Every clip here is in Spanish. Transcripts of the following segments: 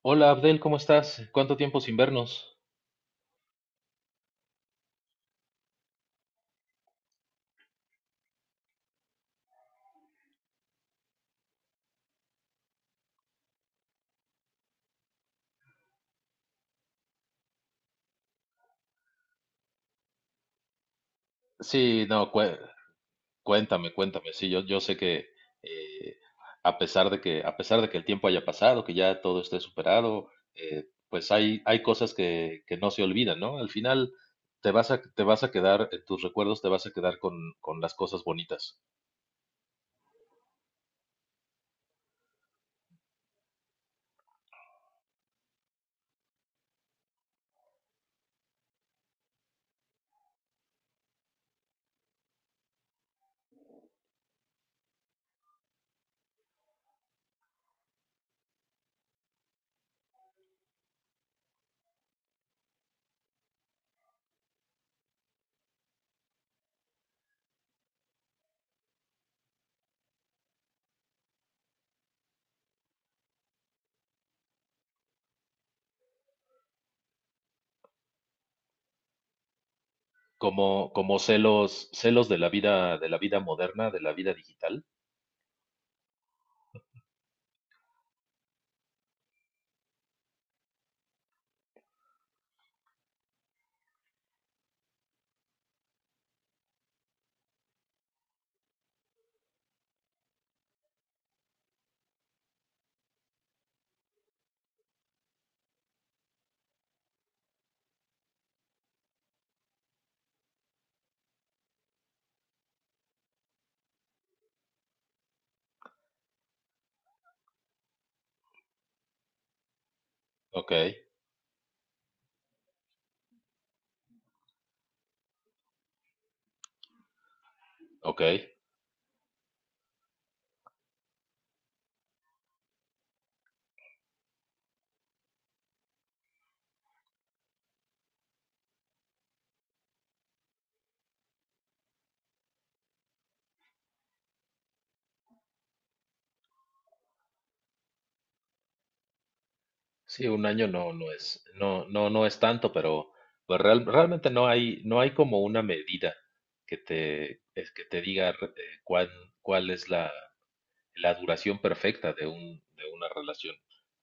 Hola Abdel, ¿cómo estás? ¿Cuánto tiempo sin vernos? Sí, no, cuéntame, cuéntame. Sí, yo sé que eh, a pesar de que, a pesar de que el tiempo haya pasado, que ya todo esté superado, pues hay cosas que no se olvidan, ¿no? Al final te vas a quedar, en tus recuerdos te vas a quedar con las cosas bonitas, como celos, celos de la vida moderna, de la vida digital. Ok, ok. Sí, un año no es, no es tanto, pero pues, realmente no no hay como una medida que te, es que te diga ¿cuál es la duración perfecta de un, de una relación,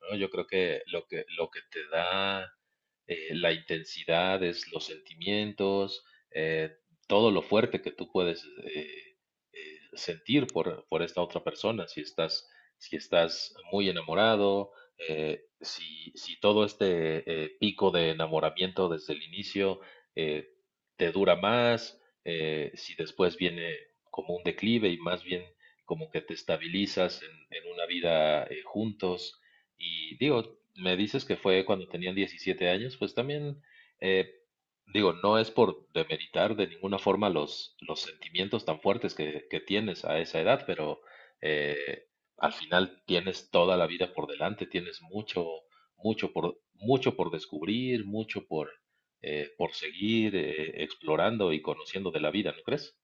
¿no? Yo creo que lo que te da la intensidad, es los sentimientos, eh, todo lo fuerte que tú puedes eh, sentir por esta otra persona, si estás muy enamorado, si todo este pico de enamoramiento desde el inicio eh, te dura más, si después viene como un declive y más bien como que te estabilizas en una vida juntos. Y digo, me dices que fue cuando tenían 17 años, pues también, eh, digo, no es por demeritar de ninguna forma los sentimientos tan fuertes que tienes a esa edad, pero eh, al final tienes toda la vida por delante, tienes mucho, mucho por descubrir, mucho por seguir explorando y conociendo de la vida, ¿no crees?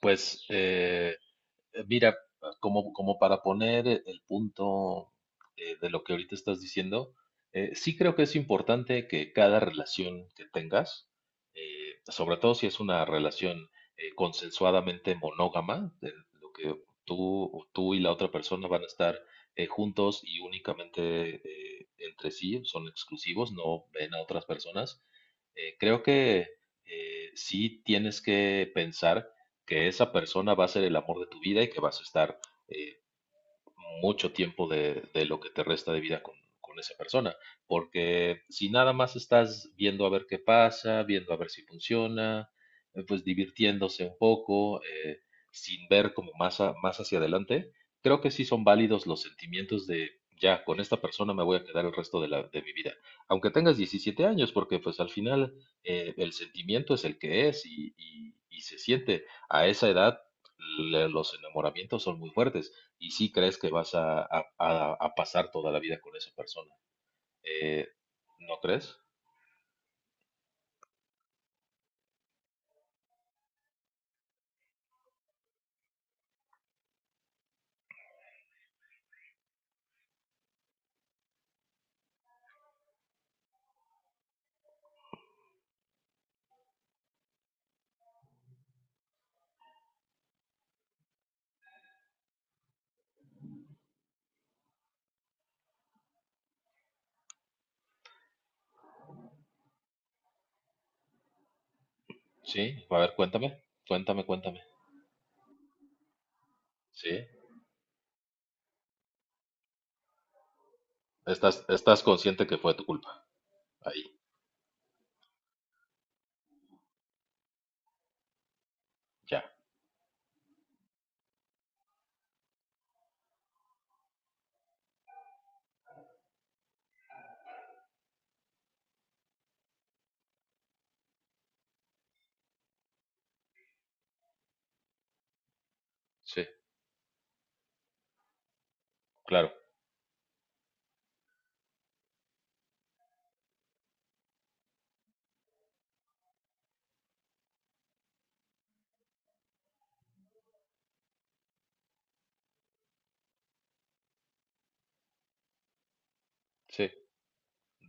Pues mira, como para poner el punto de lo que ahorita estás diciendo, sí creo que es importante que cada relación que tengas, sobre todo si es una relación consensuadamente monógama, de lo que tú y la otra persona van a estar juntos y únicamente entre sí, son exclusivos, no ven a otras personas, creo que sí tienes que pensar que esa persona va a ser el amor de tu vida y que vas a estar eh, mucho tiempo de lo que te resta de vida con esa persona, porque si nada más estás viendo a ver qué pasa, viendo a ver si funciona, pues divirtiéndose un poco, sin ver como más, más hacia adelante, creo que sí son válidos los sentimientos de, ya, con esta persona me voy a quedar el resto de mi vida, aunque tengas 17 años, porque pues al final el sentimiento es el que es y se siente a esa edad los enamoramientos son muy fuertes y sí crees que vas a pasar toda la vida con esa persona. Eh, ¿No crees? Sí, a ver, cuéntame, cuéntame, cuéntame. Sí, estás, estás consciente que fue tu culpa. Ahí, ya. Sí, claro, sí.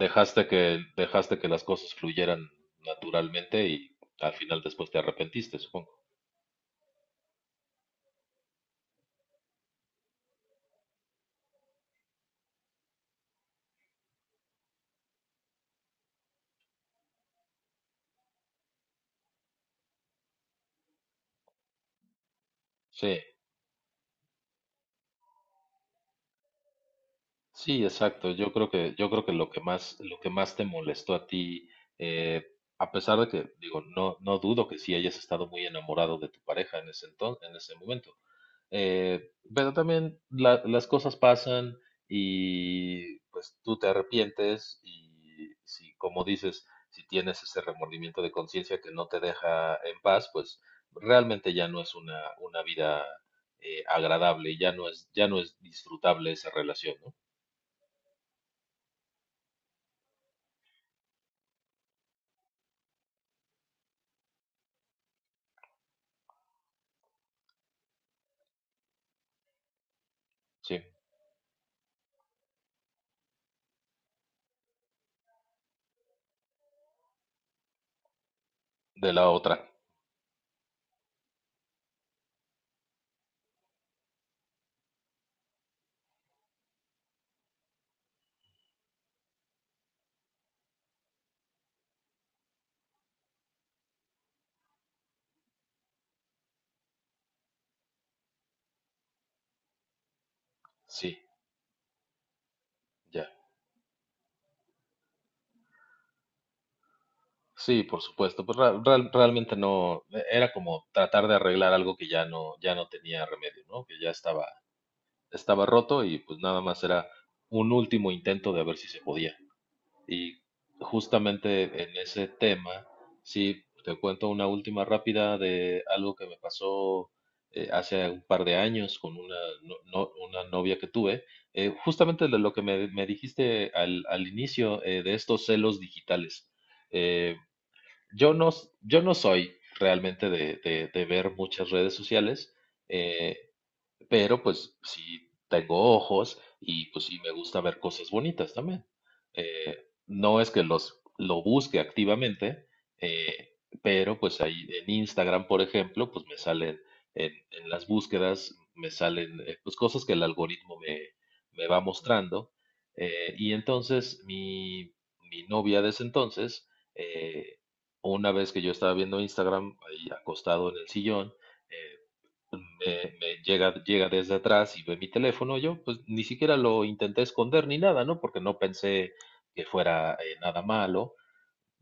Dejaste que las cosas fluyeran naturalmente y al final después te arrepentiste, supongo. Sí, sí, exacto. Yo creo yo creo que lo que más te molestó a ti, eh, a pesar de que, digo, no, no dudo que sí hayas estado muy enamorado de tu pareja en ese entonces, en ese momento. Pero también las cosas pasan y pues tú te arrepientes y si, como dices, si tienes ese remordimiento de conciencia que no te deja en paz, pues realmente ya no es una vida, agradable, ya no es disfrutable esa relación, ¿no? Sí. De la otra, sí, ya. Sí, por supuesto, pues realmente no, era como tratar de arreglar algo que ya no, ya no tenía remedio, ¿no? Que ya estaba, estaba roto y pues nada más era un último intento de ver si se podía. Y justamente en ese tema, sí, te cuento una última rápida de algo que me pasó hace un par de años con una, una novia que tuve. Justamente de lo que me dijiste al inicio de estos celos digitales. Eh, yo no soy realmente de ver muchas redes sociales. eh, pero pues sí tengo ojos y pues sí me gusta ver cosas bonitas también. No es que los lo busque activamente, eh, pero pues ahí en Instagram, por ejemplo, pues me salen en las búsquedas, me salen pues cosas que el algoritmo me va mostrando. eh, y entonces mi, mi novia de ese entonces, eh, una vez que yo estaba viendo Instagram, ahí acostado en el sillón, eh, me llega, llega desde atrás y ve mi teléfono. Yo, pues ni siquiera lo intenté esconder ni nada, ¿no? Porque no pensé que fuera nada malo.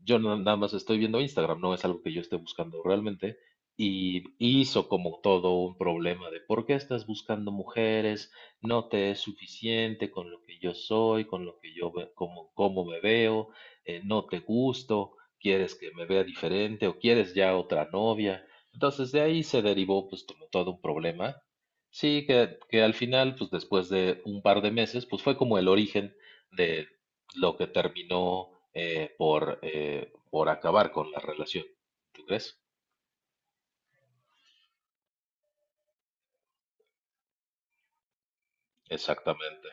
Yo no- nada más estoy viendo Instagram, no es algo que yo esté buscando realmente. Y hizo como todo un problema de por qué estás buscando mujeres, no te es suficiente con lo que yo soy, con lo que como, cómo me veo, no te gusto, quieres que me vea diferente o quieres ya otra novia. Entonces de ahí se derivó pues como todo un problema. Sí, que al final pues después de un par de meses pues fue como el origen de lo que terminó por acabar con la relación. ¿Tú crees? Exactamente,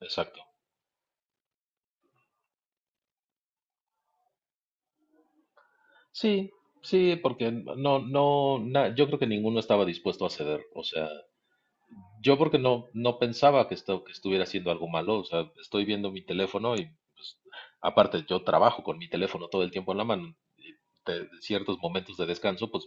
exacto. Sí, sí, porque no, no, na- yo creo que ninguno estaba dispuesto a ceder. O sea, yo porque no pensaba que, esto, que estuviera haciendo algo malo, o sea, estoy viendo mi teléfono y pues, aparte yo trabajo con mi teléfono todo el tiempo en la mano, y ciertos momentos de descanso pues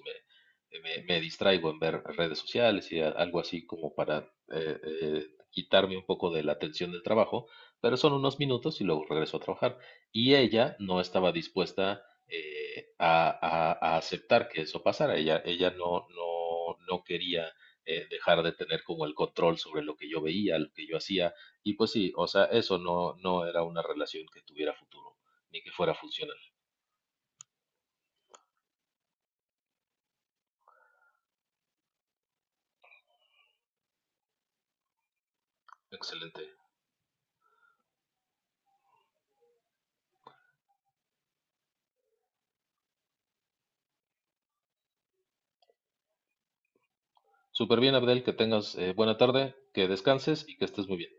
me distraigo en ver redes sociales y algo así como para quitarme un poco de la atención del trabajo, pero son unos minutos y luego regreso a trabajar. Y ella no estaba dispuesta a aceptar que eso pasara, ella no quería dejar de tener como el control sobre lo que yo veía, lo que yo hacía. Y pues sí, o sea, eso no era una relación que tuviera futuro, ni que fuera funcional. Excelente. Súper bien, Abdel, que tengas buena tarde, que descanses y que estés muy bien.